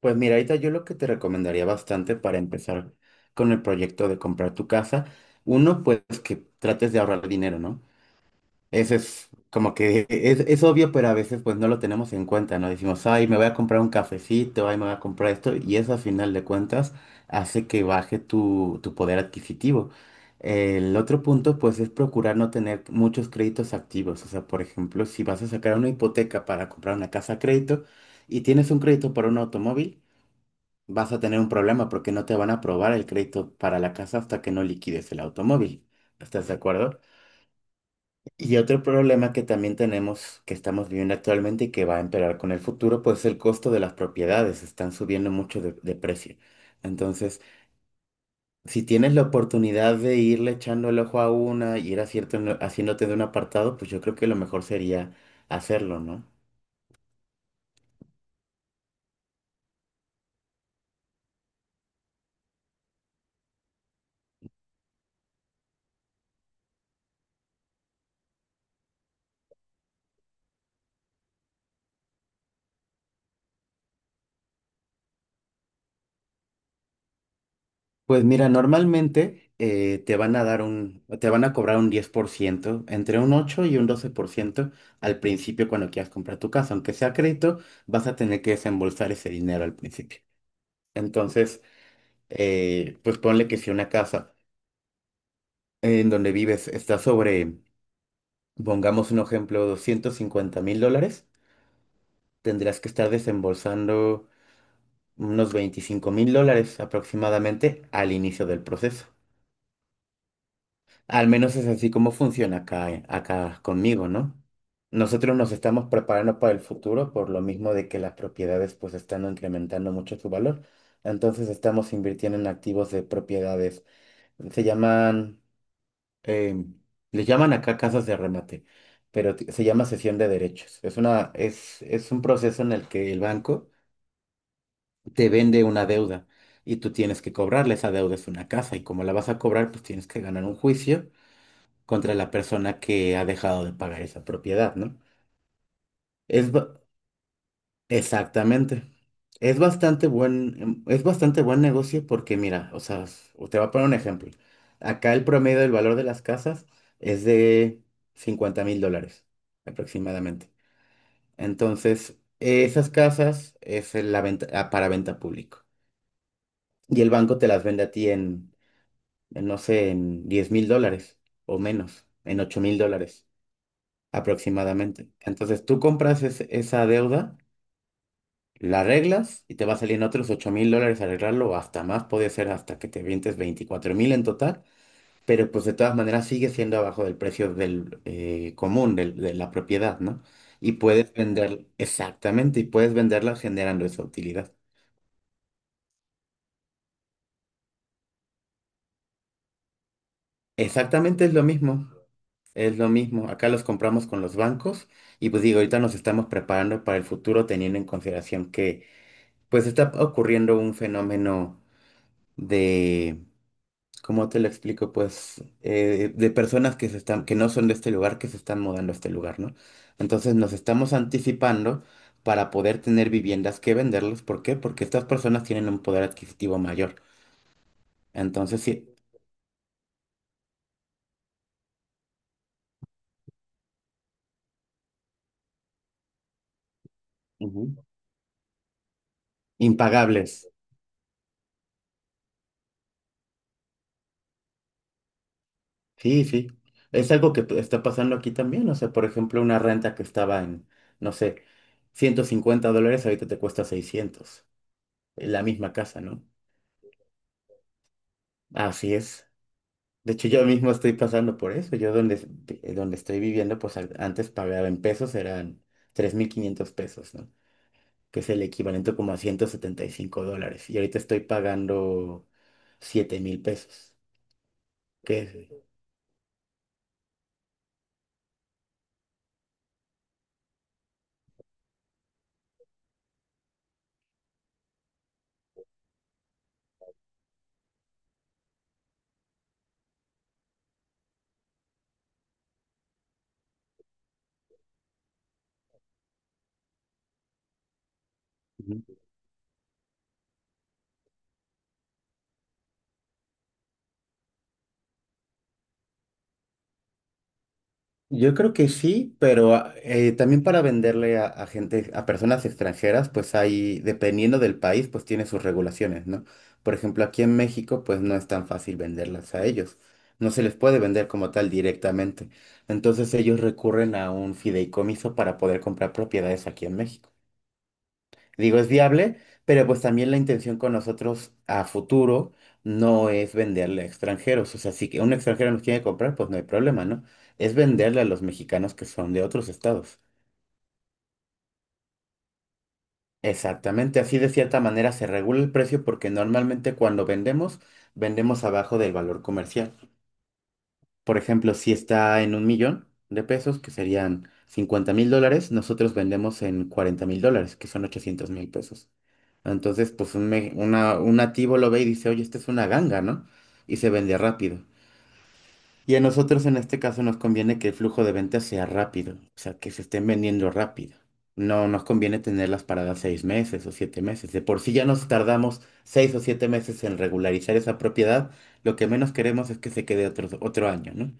Pues mira, ahorita yo lo que te recomendaría bastante para empezar con el proyecto de comprar tu casa, uno, pues que trates de ahorrar dinero, ¿no? Ese es como que es obvio, pero a veces pues no lo tenemos en cuenta, ¿no? Decimos, ay, me voy a comprar un cafecito, ay, me voy a comprar esto, y eso a final de cuentas hace que baje tu poder adquisitivo. El otro punto, pues, es procurar no tener muchos créditos activos. O sea, por ejemplo, si vas a sacar una hipoteca para comprar una casa a crédito y tienes un crédito para un automóvil, vas a tener un problema porque no te van a aprobar el crédito para la casa hasta que no liquides el automóvil. ¿Estás de acuerdo? Y otro problema que también tenemos, que estamos viviendo actualmente y que va a empeorar con el futuro, pues es el costo de las propiedades. Están subiendo mucho de precio. Entonces, si tienes la oportunidad de irle echando el ojo a una y ir haciéndote de un apartado, pues yo creo que lo mejor sería hacerlo, ¿no? Pues mira, normalmente te van a cobrar un 10%, entre un 8 y un 12% al principio cuando quieras comprar tu casa. Aunque sea crédito, vas a tener que desembolsar ese dinero al principio. Entonces, pues ponle que si una casa en donde vives está sobre, pongamos un ejemplo, $250,000, tendrás que estar desembolsando unos $25,000 aproximadamente al inicio del proceso. Al menos es así como funciona acá, acá conmigo, ¿no? Nosotros nos estamos preparando para el futuro por lo mismo de que las propiedades pues están incrementando mucho su valor. Entonces estamos invirtiendo en activos de propiedades. Se llaman, eh, les llaman acá casas de remate, pero se llama cesión de derechos. Es un proceso en el que el banco te vende una deuda y tú tienes que cobrarle. Esa deuda es una casa y como la vas a cobrar pues tienes que ganar un juicio contra la persona que ha dejado de pagar esa propiedad, ¿no? Es ba- exactamente. Es bastante buen negocio porque, mira, o sea, te voy a poner un ejemplo. Acá el promedio del valor de las casas es de $50,000 aproximadamente. Entonces, esas casas es en la venta, para venta público. Y el banco te las vende a ti en, no sé, en $10,000 o menos, en $8,000 aproximadamente. Entonces tú compras esa deuda, la arreglas y te va a salir en otros $8,000 arreglarlo o hasta más, puede ser hasta que te vientes 24,000 en total, pero pues de todas maneras sigue siendo abajo del precio del común, de la propiedad, ¿no? Y puedes vender, exactamente, y puedes venderla generando esa utilidad. Exactamente es lo mismo, es lo mismo. Acá los compramos con los bancos y pues digo, ahorita nos estamos preparando para el futuro teniendo en consideración que pues está ocurriendo un fenómeno de, ¿cómo te lo explico? Pues de personas que no son de este lugar, que se están mudando a este lugar, ¿no? Entonces nos estamos anticipando para poder tener viviendas que venderles. ¿Por qué? Porque estas personas tienen un poder adquisitivo mayor. Entonces, sí, ujú, impagables. Sí, sí. Es algo que pues, está pasando aquí también. O sea, por ejemplo, una renta que estaba en, no sé, $150, ahorita te cuesta 600. La misma casa, ¿no? Así es. De hecho, yo mismo estoy pasando por eso. Donde estoy viviendo, pues antes pagaba en pesos, eran 3,500 pesos, ¿no? Que es el equivalente como a $175. Y ahorita estoy pagando 7,000 pesos. ¿Qué es? Yo creo que sí, pero también para venderle a gente, a personas extranjeras, pues hay, dependiendo del país, pues tiene sus regulaciones, ¿no? Por ejemplo, aquí en México, pues no es tan fácil venderlas a ellos. No se les puede vender como tal directamente. Entonces ellos recurren a un fideicomiso para poder comprar propiedades aquí en México, digo, es viable, pero pues también la intención con nosotros a futuro no es venderle a extranjeros. O sea, si que un extranjero nos quiere comprar, pues no hay problema, ¿no? Es venderle a los mexicanos que son de otros estados. Exactamente, así de cierta manera se regula el precio porque normalmente cuando vendemos, vendemos abajo del valor comercial. Por ejemplo, si está en 1 millón de pesos, que serían $50,000, nosotros vendemos en $40,000, que son 800,000 pesos. Entonces, pues un nativo lo ve y dice, oye, esta es una ganga, ¿no? Y se vende rápido. Y a nosotros en este caso nos conviene que el flujo de ventas sea rápido, o sea, que se estén vendiendo rápido. No nos conviene tenerlas paradas 6 meses o 7 meses. De por sí ya nos tardamos 6 o 7 meses en regularizar esa propiedad. Lo que menos queremos es que se quede otro año, ¿no?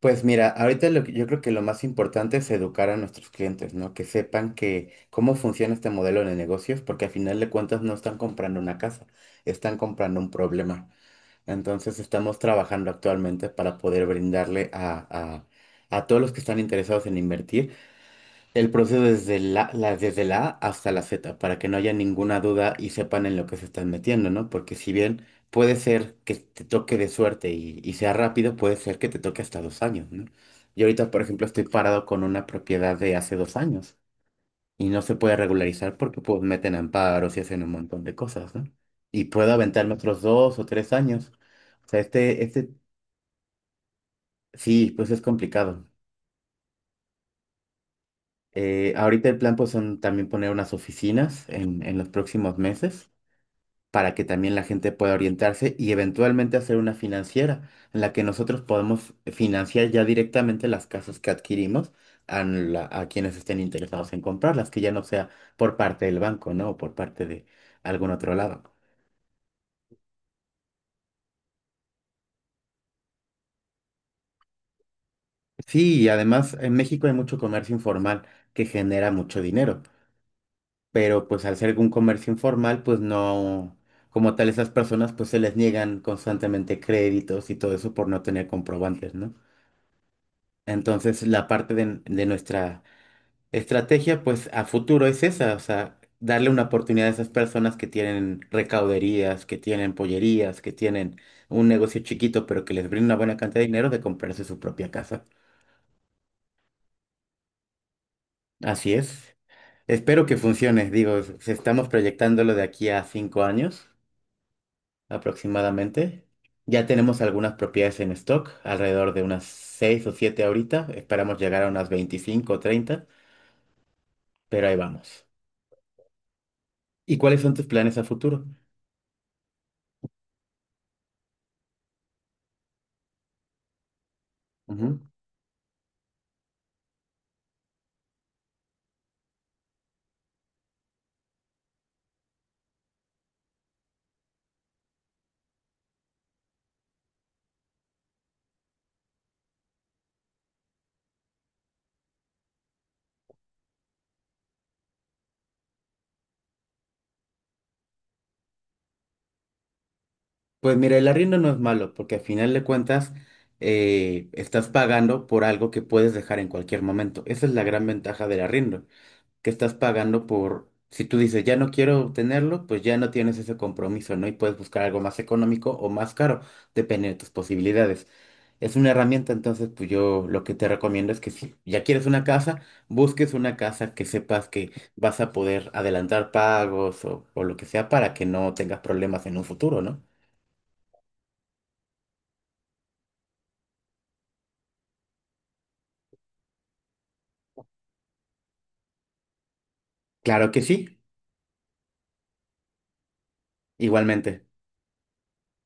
Pues mira, ahorita yo creo que lo más importante es educar a nuestros clientes, ¿no? Que sepan que cómo funciona este modelo de negocios, porque al final de cuentas no están comprando una casa, están comprando un problema. Entonces estamos trabajando actualmente para poder brindarle a todos los que están interesados en invertir. El proceso desde la A hasta la Z, para que no haya ninguna duda y sepan en lo que se están metiendo, ¿no? Porque si bien puede ser que te toque de suerte y sea rápido, puede ser que te toque hasta 2 años, ¿no? Yo ahorita, por ejemplo, estoy parado con una propiedad de hace 2 años y no se puede regularizar porque pues meten amparos y hacen un montón de cosas, ¿no? Y puedo aventarme otros 2 o 3 años. O sea, sí, pues es complicado. Ahorita el plan pues son también poner unas oficinas en, los próximos meses para que también la gente pueda orientarse y eventualmente hacer una financiera en la que nosotros podemos financiar ya directamente las casas que adquirimos a quienes estén interesados en comprarlas, que ya no sea por parte del banco, ¿no? O por parte de algún otro lado. Sí, y además en México hay mucho comercio informal que genera mucho dinero, pero pues al ser un comercio informal, pues no, como tal esas personas pues se les niegan constantemente créditos y todo eso por no tener comprobantes, ¿no? Entonces la parte de nuestra estrategia pues a futuro es esa, o sea, darle una oportunidad a esas personas que tienen recauderías, que tienen pollerías, que tienen un negocio chiquito pero que les brinda una buena cantidad de dinero de comprarse su propia casa. Así es. Espero que funcione, digo, estamos proyectándolo de aquí a 5 años aproximadamente. Ya tenemos algunas propiedades en stock, alrededor de unas 6 o 7 ahorita. Esperamos llegar a unas 25 o 30, pero ahí vamos. ¿Y cuáles son tus planes a futuro? Ujú. Pues mira, el arriendo no es malo, porque al final de cuentas estás pagando por algo que puedes dejar en cualquier momento. Esa es la gran ventaja del arriendo, que estás pagando por, si tú dices, ya no quiero tenerlo, pues ya no tienes ese compromiso, ¿no? Y puedes buscar algo más económico o más caro, depende de tus posibilidades. Es una herramienta, entonces, pues yo lo que te recomiendo es que si ya quieres una casa, busques una casa que sepas que vas a poder adelantar pagos o, lo que sea para que no tengas problemas en un futuro, ¿no? Claro que sí, igualmente.